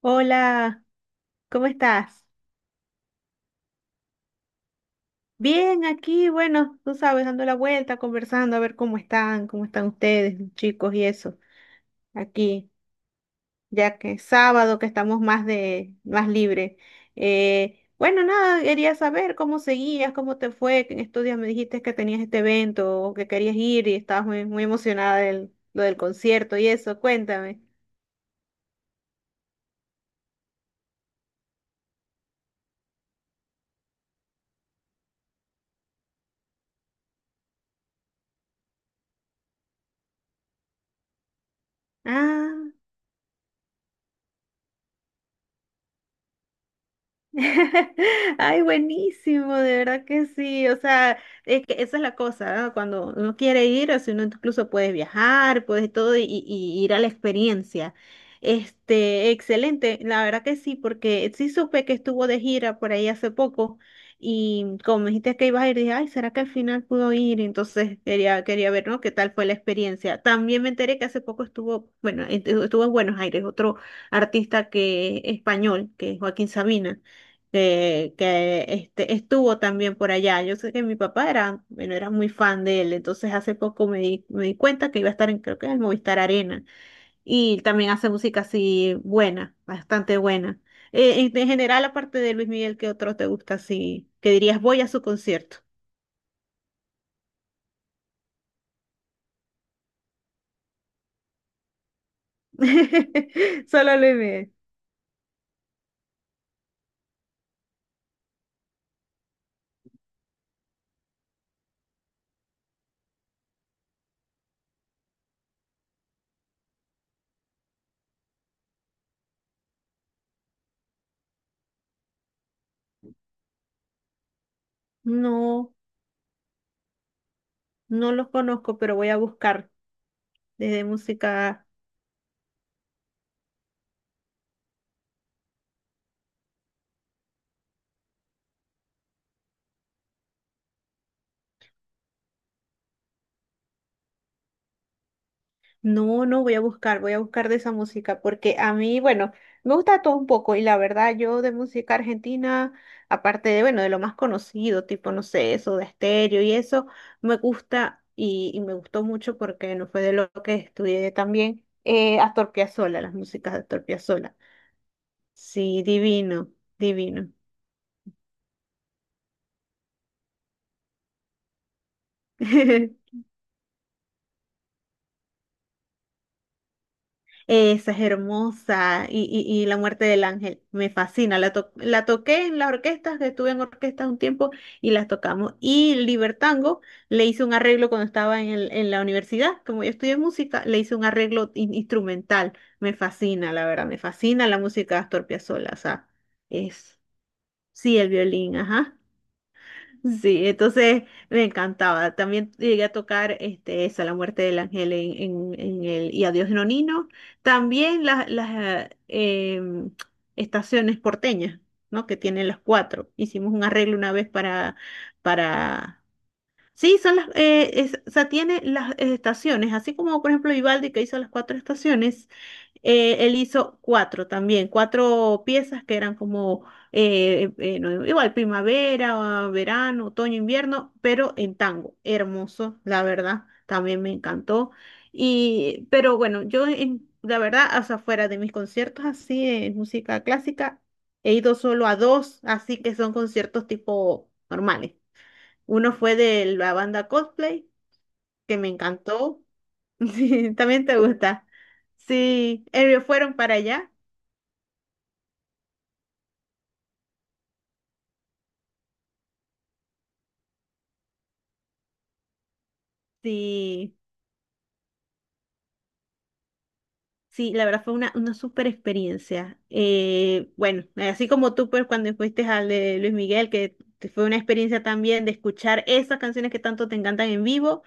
Hola, ¿cómo estás? Bien, aquí, bueno, tú sabes, dando la vuelta, conversando, a ver cómo están, ustedes, los chicos y eso. Aquí, ya que es sábado, que estamos más libre. Bueno, nada, quería saber cómo seguías, cómo te fue, que en estos días me dijiste que tenías este evento o que querías ir y estabas muy, muy emocionada del concierto y eso. Cuéntame. Ah. Ay, buenísimo, de verdad que sí. O sea, es que esa es la cosa, ¿no? Cuando uno quiere ir, o si uno incluso puedes viajar, puedes todo y ir a la experiencia. Excelente, la verdad que sí, porque sí supe que estuvo de gira por ahí hace poco y como me dijiste que ibas a ir, dije, ay, ¿será que al final pudo ir? Entonces quería ver, ¿no? ¿Qué tal fue la experiencia? También me enteré que hace poco estuvo, bueno, estuvo en Buenos Aires, otro artista que español, que es Joaquín Sabina que estuvo también por allá. Yo sé que mi papá era, bueno, era muy fan de él, entonces hace poco me di cuenta que iba a estar en, creo que en el Movistar Arena, y también hace música así buena, bastante buena. En general, aparte de Luis Miguel, ¿qué otro te gusta así? Que dirías, voy a su concierto. Solo Luis Miguel. No, no los conozco, pero voy a buscar desde música. No, no, voy a buscar de esa música, porque a mí, bueno, me gusta todo un poco y la verdad yo de música argentina, aparte de, bueno, de lo más conocido, tipo, no sé, eso de estéreo y eso, me gusta y me gustó mucho porque no fue de lo que estudié también, Astor Piazzolla, las músicas de Astor Piazzolla. Sí, divino, divino. Esa es hermosa. Y La muerte del ángel. Me fascina. La toqué en las orquestas, que estuve en orquestas un tiempo y las tocamos. Y Libertango le hice un arreglo cuando estaba en la universidad. Como yo estudié música, le hice un arreglo instrumental. Me fascina, la verdad. Me fascina la música de Astor Piazzolla. O sea, es, sí, el violín, ajá. Sí, entonces me encantaba. También llegué a tocar esa, La muerte del ángel en el Y adiós Nonino. También las estaciones porteñas, ¿no? Que tienen las cuatro. Hicimos un arreglo una vez para. Sí, o sea, tiene las estaciones, así como por ejemplo Vivaldi que hizo las cuatro estaciones, él hizo cuatro también, cuatro piezas que eran como no, igual primavera, ah, verano, otoño, invierno, pero en tango. Hermoso, la verdad, también me encantó. Y, pero bueno, la verdad, hasta fuera de mis conciertos así de música clásica, he ido solo a dos, así que son conciertos tipo normales. Uno fue de la banda Coldplay, que me encantó. Sí, también te gusta. Sí, fueron para allá. Sí, sí, la verdad fue una súper experiencia. Bueno, así como tú, pues cuando fuiste al de Luis Miguel, fue una experiencia también de escuchar esas canciones que tanto te encantan en vivo,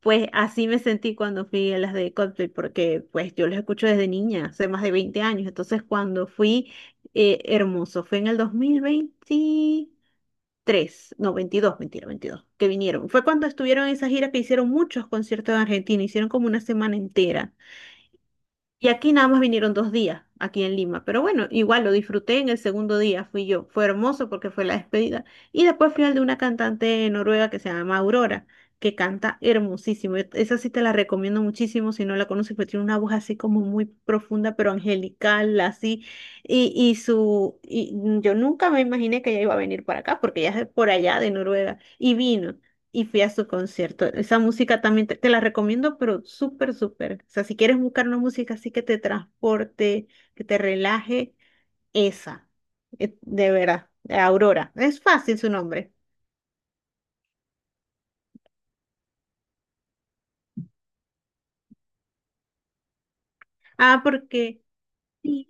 pues así me sentí cuando fui a las de Coldplay, porque pues yo los escucho desde niña, hace más de 20 años. Entonces cuando fui, hermoso, fue en el 2023 no, 22 mentira, 22 que vinieron. Fue cuando estuvieron en esa gira que hicieron muchos conciertos en Argentina, hicieron como una semana entera. Y aquí nada más vinieron 2 días, aquí en Lima. Pero bueno, igual lo disfruté en el segundo día, fui yo. Fue hermoso porque fue la despedida. Y después fui al de una cantante noruega que se llama Aurora, que canta hermosísimo. Esa sí te la recomiendo muchísimo si no la conoces, pero tiene una voz así como muy profunda, pero angelical, así. Y yo nunca me imaginé que ella iba a venir para acá, porque ella es de por allá de Noruega. Y vino y fui a su concierto. Esa música también te la recomiendo, pero súper, súper. O sea, si quieres buscar una música así que te transporte, que te relaje, esa, de verdad, Aurora. Es fácil su nombre. Ah, sí,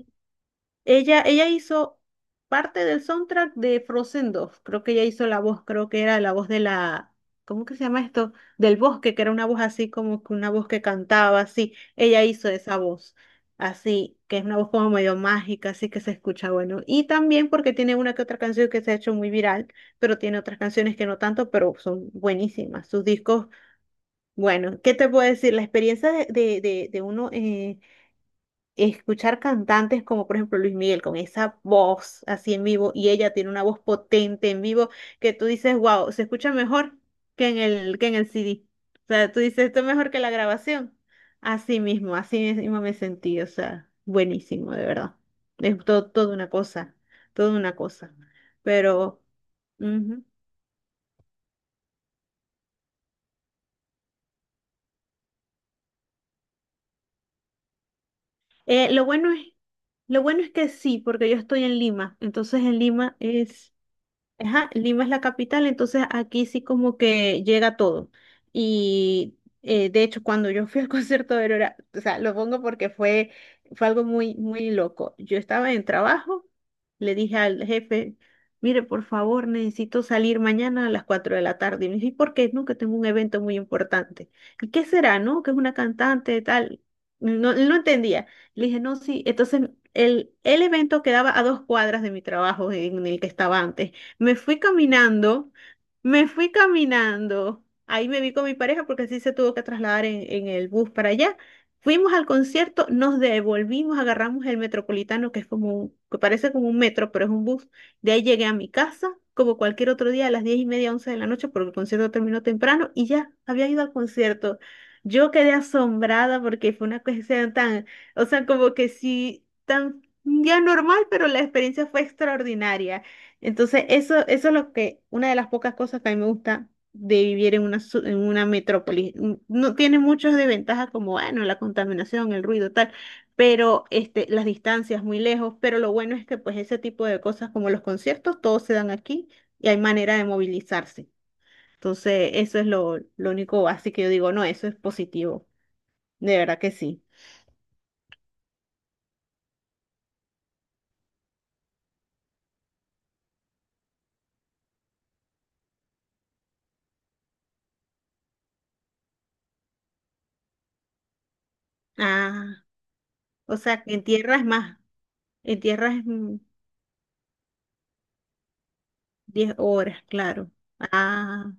ella hizo parte del soundtrack de Frozen 2. Creo que ella hizo la voz, creo que era la voz de la, ¿cómo que se llama esto? Del bosque, que era una voz así como que una voz que cantaba así. Ella hizo esa voz, así, que es una voz como medio mágica, así que se escucha bueno. Y también porque tiene una que otra canción que se ha hecho muy viral, pero tiene otras canciones que no tanto, pero son buenísimas. Sus discos, bueno, ¿qué te puedo decir? La experiencia de uno, escuchar cantantes como por ejemplo Luis Miguel con esa voz así en vivo y ella tiene una voz potente en vivo que tú dices, wow, se escucha mejor que en el CD. O sea, tú dices, esto es mejor que la grabación. Así mismo me sentí, o sea, buenísimo, de verdad. Es todo, toda una cosa, toda una cosa. Pero ujú. Eh, lo bueno es, lo bueno es que sí, porque yo estoy en Lima, entonces en Lima es. Ajá, Lima es la capital, entonces aquí sí como que llega todo. Y, de hecho, cuando yo fui al concierto de Aurora, o sea, lo pongo porque fue, algo muy, muy loco. Yo estaba en trabajo, le dije al jefe, mire, por favor, necesito salir mañana a las 4 de la tarde. Y me dijo, ¿y por qué? No, que tengo un evento muy importante. ¿Y qué será, no? Que es una cantante, tal. No, no entendía. Le dije, no, sí. Entonces, el evento quedaba a 2 cuadras de mi trabajo en el que estaba antes. Me fui caminando, me fui caminando. Ahí me vi con mi pareja porque así se tuvo que trasladar en el bus para allá. Fuimos al concierto, nos devolvimos, agarramos el Metropolitano, que es como que parece como un metro, pero es un bus. De ahí llegué a mi casa, como cualquier otro día, a las 10 y media, 11 de la noche, porque el concierto terminó temprano y ya había ido al concierto. Yo quedé asombrada porque fue una cuestión tan, o sea, como que sí, tan un día normal, pero la experiencia fue extraordinaria. Entonces, eso es lo que, una de las pocas cosas que a mí me gusta de vivir en una metrópoli. No tiene muchas desventajas como, bueno, la contaminación, el ruido, tal, pero las distancias muy lejos, pero lo bueno es que pues ese tipo de cosas como los conciertos, todos se dan aquí y hay manera de movilizarse. Entonces, eso es lo único así que yo digo, no, eso es positivo, de verdad que sí. Ah, o sea, que en tierra es 10 horas, claro. Ah.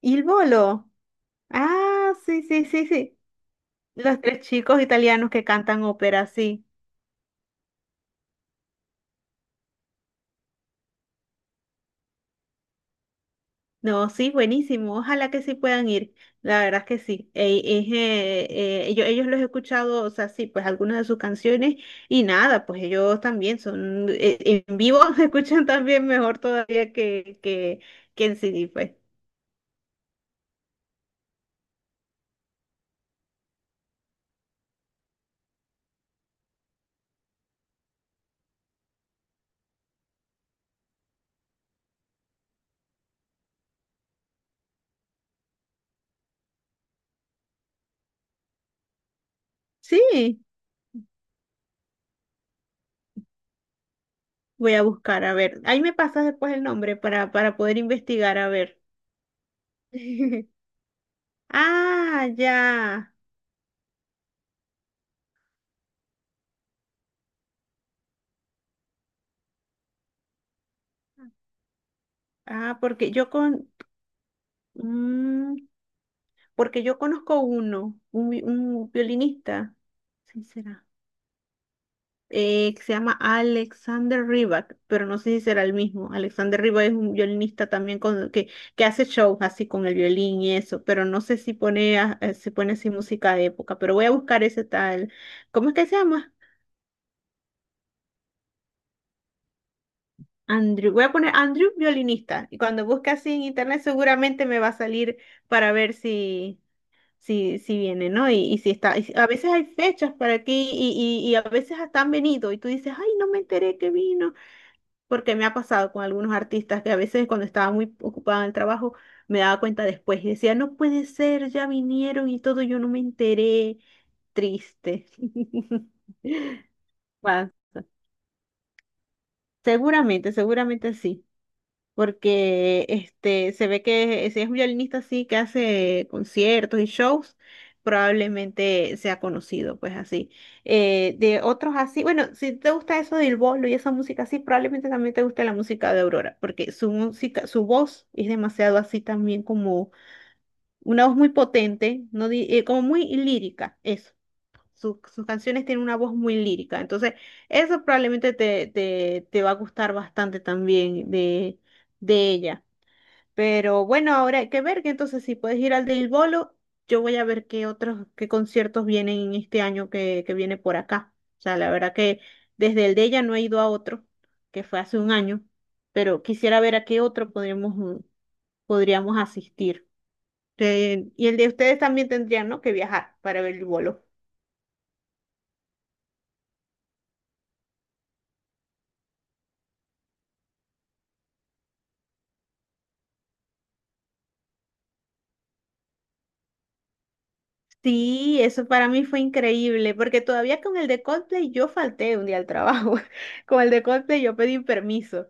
Y el bolo. Ah, sí, sí, sí, sí. Los tres chicos italianos que cantan ópera, sí. No, sí, buenísimo. Ojalá que sí puedan ir. La verdad es que sí. Ellos los he escuchado, o sea, sí, pues algunas de sus canciones y nada, pues ellos también son, en vivo se escuchan también mejor todavía que, en CD, pues. Sí, voy a buscar, a ver. Ahí me pasas después el nombre para poder investigar, a ver. Ah, ya. Ah, mm, porque yo conozco un violinista, sí será, que se llama Alexander Rybak, pero no sé si será el mismo. Alexander Rybak es un violinista también que hace shows así con el violín y eso, pero no sé si pone, si pone así música de época, pero voy a buscar ese tal, ¿cómo es que se llama? Andrew, voy a poner Andrew violinista y cuando busque así en internet seguramente me va a salir para ver si viene, ¿no? Y si está, a veces hay fechas para aquí y a veces hasta han venido y tú dices, ay, no me enteré que vino, porque me ha pasado con algunos artistas que a veces cuando estaba muy ocupada en el trabajo me daba cuenta después y decía, no puede ser, ya vinieron y todo, yo no me enteré, triste. Pasa. Seguramente, seguramente sí. Porque se ve que si es un violinista así que hace conciertos y shows, probablemente sea conocido, pues así. De otros así, bueno, si te gusta eso del bolo y esa música así, probablemente también te guste la música de Aurora, porque su música, su voz es demasiado así también como una voz muy potente, no di- como muy lírica, eso. Sus canciones tienen una voz muy lírica, entonces eso probablemente te va a gustar bastante también de ella. Pero bueno, ahora hay que ver que entonces si puedes ir al del Bolo, yo voy a ver qué otros, qué conciertos vienen en este año que viene por acá. O sea, la verdad que desde el de ella no he ido a otro, que fue hace un año, pero quisiera ver a qué otro podríamos asistir. Y el de ustedes también tendrían, ¿no? que viajar para ver el Bolo. Sí, eso para mí fue increíble, porque todavía con el de Coldplay yo falté un día al trabajo. Con el de Coldplay yo pedí permiso.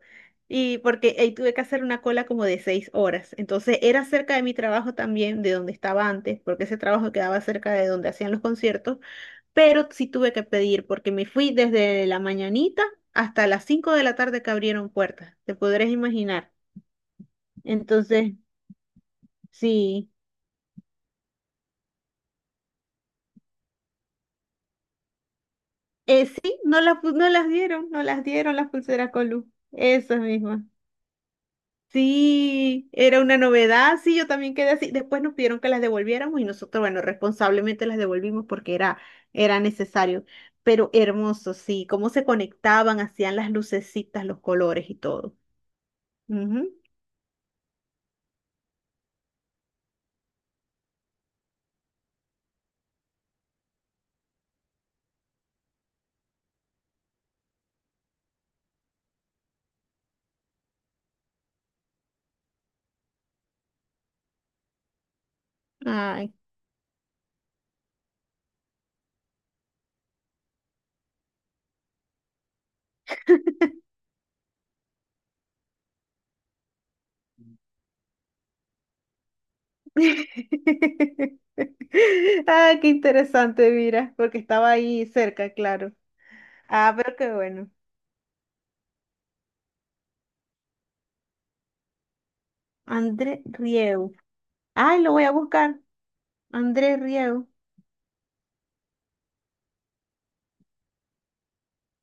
Y porque ahí tuve que hacer una cola como de 6 horas. Entonces era cerca de mi trabajo también, de donde estaba antes, porque ese trabajo quedaba cerca de donde hacían los conciertos. Pero sí tuve que pedir, porque me fui desde la mañanita hasta las 5 de la tarde que abrieron puertas. Te podrás imaginar. Entonces, sí. Sí, no las dieron las pulseras con luz, esas mismas. Sí, era una novedad, sí, yo también quedé así. Después nos pidieron que las devolviéramos y nosotros, bueno, responsablemente las devolvimos porque era, necesario. Pero hermoso, sí, cómo se conectaban, hacían las lucecitas, los colores y todo. Ujú. Ay. Ay, qué interesante, mira, porque estaba ahí cerca, claro. Ah, pero qué bueno. André Rieu. Ay, lo voy a buscar. Andrés Riego.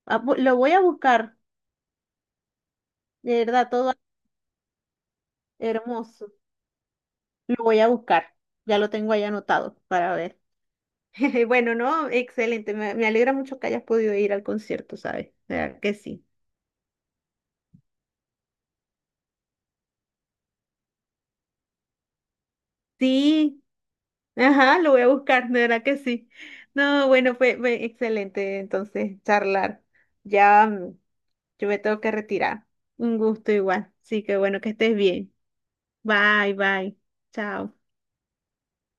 Ah, lo voy a buscar. De verdad, todo hermoso. Lo voy a buscar. Ya lo tengo ahí anotado para ver. Bueno, no, excelente. Me alegra mucho que hayas podido ir al concierto, ¿sabes? De verdad que sí. Sí, ajá, lo voy a buscar, de verdad que sí. No, bueno, fue excelente entonces charlar. Ya, yo me tengo que retirar. Un gusto igual. Sí, que bueno que estés bien. Bye, bye. Chao.